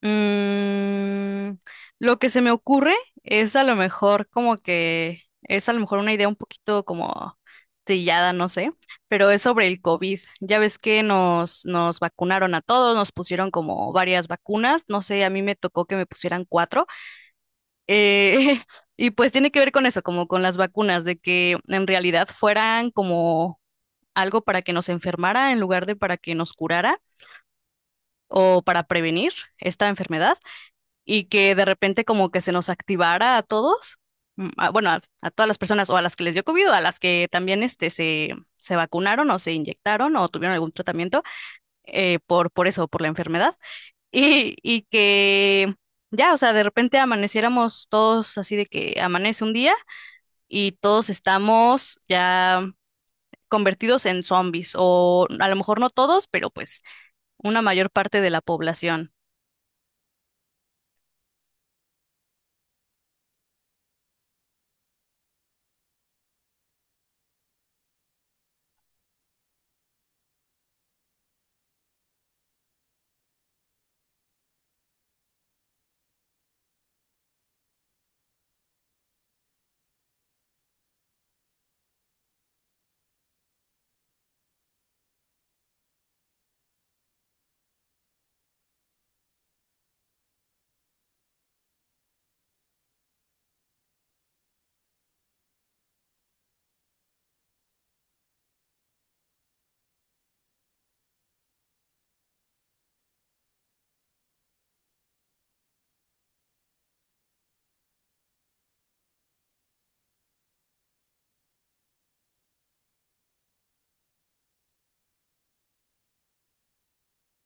Mm, lo que se me ocurre es, a lo mejor, como que es, a lo mejor, una idea un poquito como trillada, no sé, pero es sobre el COVID. Ya ves que nos vacunaron a todos, nos pusieron como varias vacunas, no sé, a mí me tocó que me pusieran 4. eh, y pues tiene que ver con eso, como con las vacunas, de que en realidad fueran como algo para que nos enfermara en lugar de para que nos curara o para prevenir esta enfermedad, y que de repente como que se nos activara a todos, bueno, a todas las personas, o a las que les dio COVID, o a las que también se vacunaron o se inyectaron o tuvieron algún tratamiento por eso, por la enfermedad. Y que ya, o sea, de repente amaneciéramos todos así, de que amanece un día y todos estamos ya convertidos en zombies, o a lo mejor no todos, pero pues una mayor parte de la población.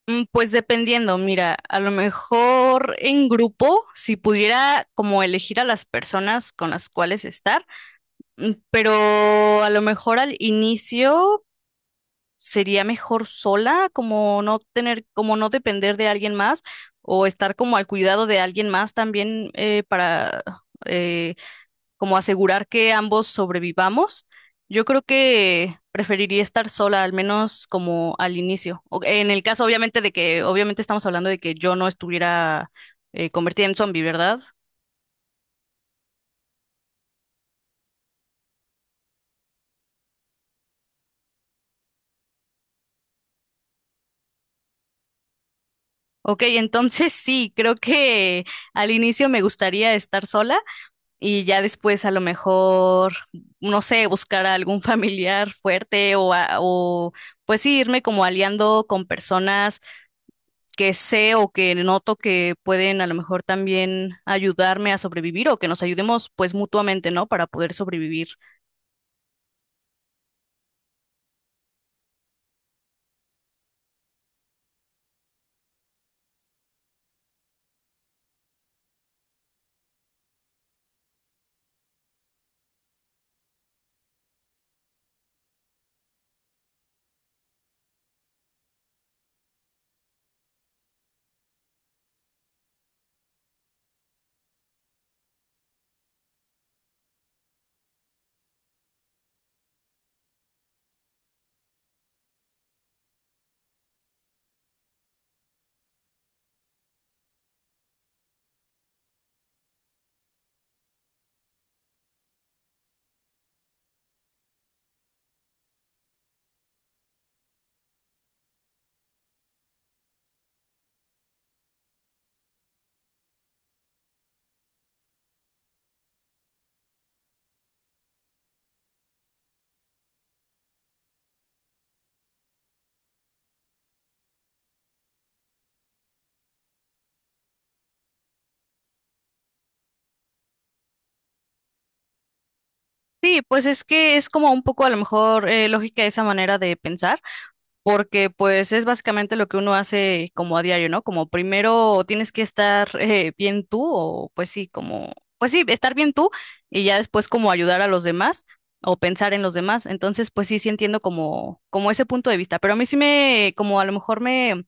Mm, pues dependiendo, mira, a lo mejor en grupo, si pudiera como elegir a las personas con las cuales estar, mm, pero a lo mejor al inicio sería mejor sola, como no tener, como no depender de alguien más o estar como al cuidado de alguien más también, para eh, como asegurar que ambos sobrevivamos, yo creo que preferiría estar sola, al menos como al inicio. En el caso, obviamente, de que, obviamente estamos hablando de que yo no estuviera, convertida en zombie, ¿verdad? Ok, entonces sí, creo que al inicio me gustaría estar sola y ya después, a lo mejor, no sé, buscar a algún familiar fuerte o pues sí, irme como aliando con personas que sé o que noto que pueden, a lo mejor, también ayudarme a sobrevivir, o que nos ayudemos pues mutuamente, ¿no? Para poder sobrevivir. Sí, pues es que es como un poco, a lo mejor, lógica esa manera de pensar, porque pues es básicamente lo que uno hace como a diario, ¿no? Como primero tienes que estar, bien tú, o pues sí, como, pues sí, estar bien tú y ya después como ayudar a los demás o pensar en los demás. Entonces, pues sí, sí entiendo como, como ese punto de vista, pero a mí sí me, como a lo mejor me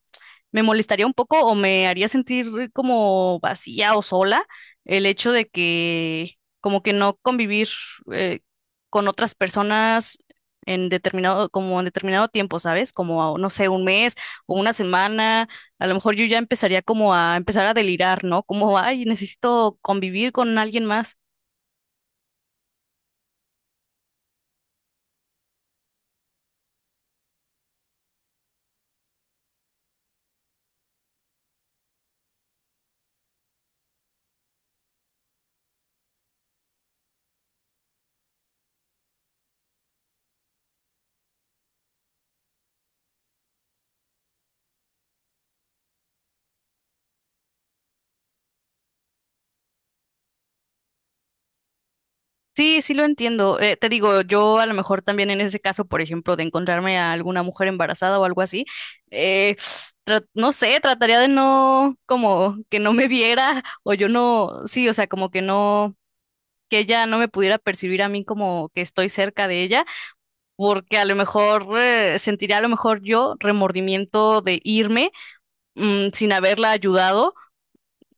me molestaría un poco o me haría sentir como vacía o sola, el hecho de que como que no convivir eh, con otras personas en determinado, como en determinado tiempo, ¿sabes? Como, no sé, un mes o una semana, a lo mejor yo ya empezaría como a empezar a delirar, ¿no? Como, ay, necesito convivir con alguien más. Sí, sí lo entiendo. Te digo, yo a lo mejor también en ese caso, por ejemplo, de encontrarme a alguna mujer embarazada o algo así, eh, no sé, trataría de no, como que no me viera o yo no, sí, o sea, como que no, que ella no me pudiera percibir a mí como que estoy cerca de ella, porque a lo mejor sentiría a lo mejor yo remordimiento de irme, mm, sin haberla ayudado,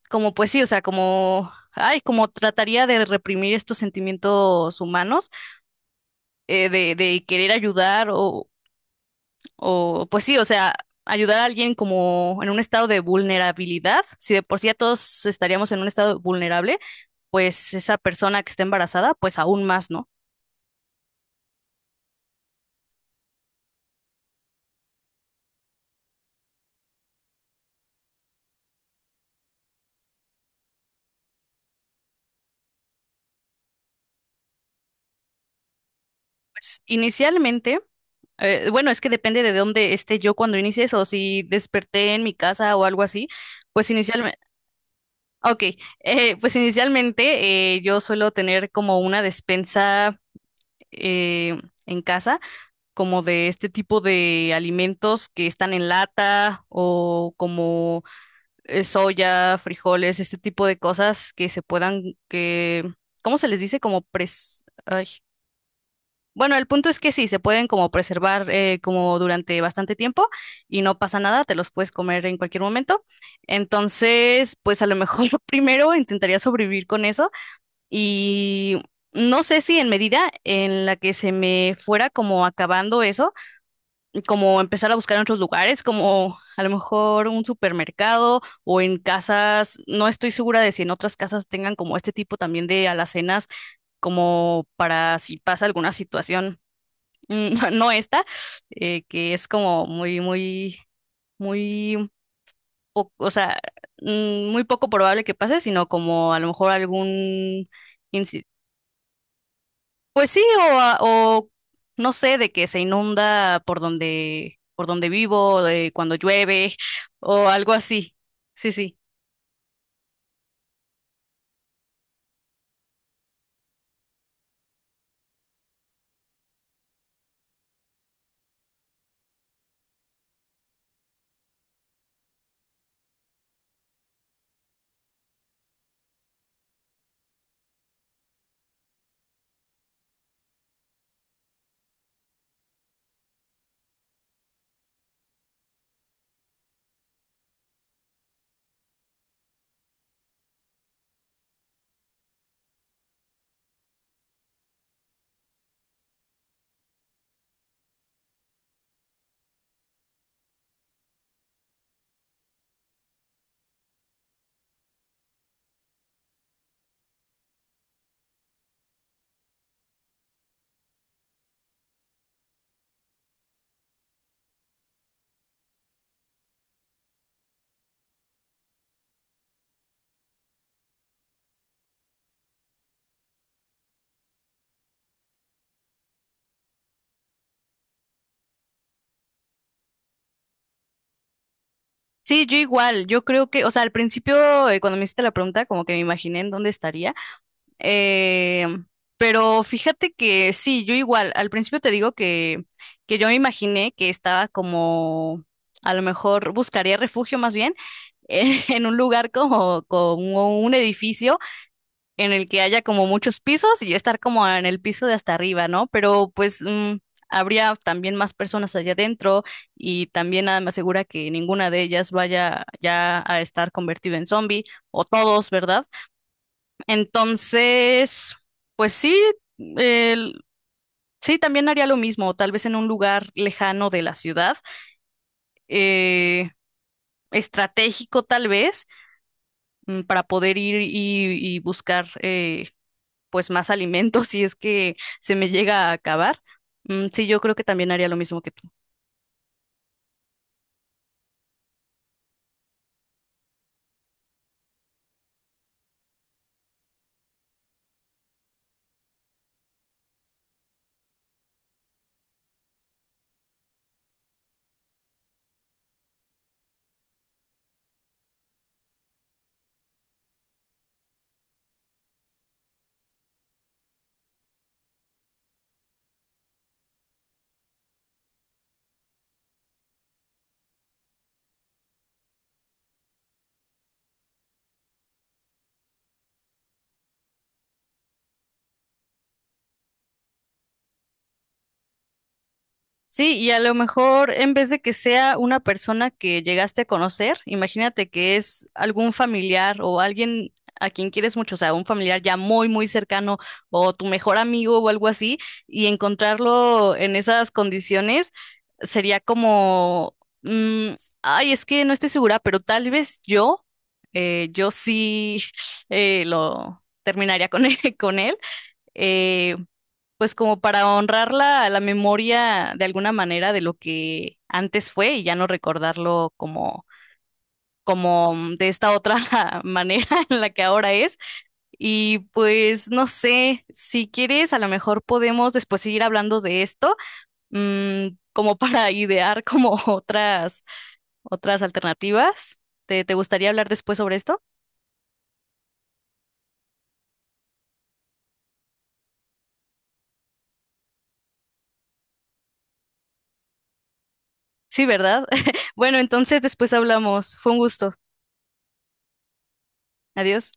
como pues sí, o sea, como, ay, como trataría de reprimir estos sentimientos humanos de querer ayudar o, pues sí, o sea, ayudar a alguien como en un estado de vulnerabilidad, si de por sí ya todos estaríamos en un estado vulnerable, pues esa persona que está embarazada, pues aún más, ¿no? Pues inicialmente, bueno, es que depende de dónde esté yo cuando inicie eso, si desperté en mi casa o algo así, pues inicialmente, ok, pues inicialmente yo suelo tener como una despensa eh, en casa, como de este tipo de alimentos que están en lata, o como soya, frijoles, este tipo de cosas que se puedan, que, ¿cómo se les dice? Como pres... ay. Bueno, el punto es que sí, se pueden como preservar como durante bastante tiempo y no pasa nada, te los puedes comer en cualquier momento. Entonces, pues a lo mejor primero intentaría sobrevivir con eso. Y no sé si en medida en la que se me fuera como acabando eso, como empezar a buscar en otros lugares, como a lo mejor un supermercado o en casas. No estoy segura de si en otras casas tengan como este tipo también de alacenas, como para si pasa alguna situación, mm, no esta, que es como muy, muy, muy poco, o sea, mm, muy poco probable que pase, sino como a lo mejor algún Pues sí, o no sé, de que se inunda por donde vivo, de cuando llueve, o algo así. Sí, sí. Sí, yo igual, yo creo que, o sea, al principio, cuando me hiciste la pregunta, como que me imaginé en dónde estaría. Eh, pero fíjate que sí, yo igual, al principio te digo que yo me imaginé que estaba como, a lo mejor buscaría refugio más bien, en un lugar como, como un edificio en el que haya como muchos pisos y yo estar como en el piso de hasta arriba, ¿no? Pero pues mm, habría también más personas allá adentro, y también nada me asegura que ninguna de ellas vaya ya a estar convertida en zombie, o todos, ¿verdad? Entonces, pues sí, el- sí, también haría lo mismo, tal vez en un lugar lejano de la ciudad. eh, Estratégico tal vez, mm, para poder ir y buscar, pues más alimento si es que se me llega a acabar. Mm, sí, yo creo que también haría lo mismo que tú. Sí, y a lo mejor en vez de que sea una persona que llegaste a conocer, imagínate que es algún familiar o alguien a quien quieres mucho, o sea, un familiar ya muy, muy cercano, o tu mejor amigo o algo así, y encontrarlo en esas condiciones sería como, mm, ay, es que no estoy segura, pero tal vez yo, yo sí lo terminaría con con él. eh, pues como para honrar la, la memoria de alguna manera de lo que antes fue, y ya no recordarlo como, como mm, de esta otra manera en la que ahora es. Y pues no sé, si quieres, a lo mejor podemos después seguir hablando de esto, mm, como para idear como otras, otras alternativas. ¿Te, te gustaría hablar después sobre esto? Sí, ¿verdad? Bueno, entonces después hablamos. Fue un gusto. Adiós.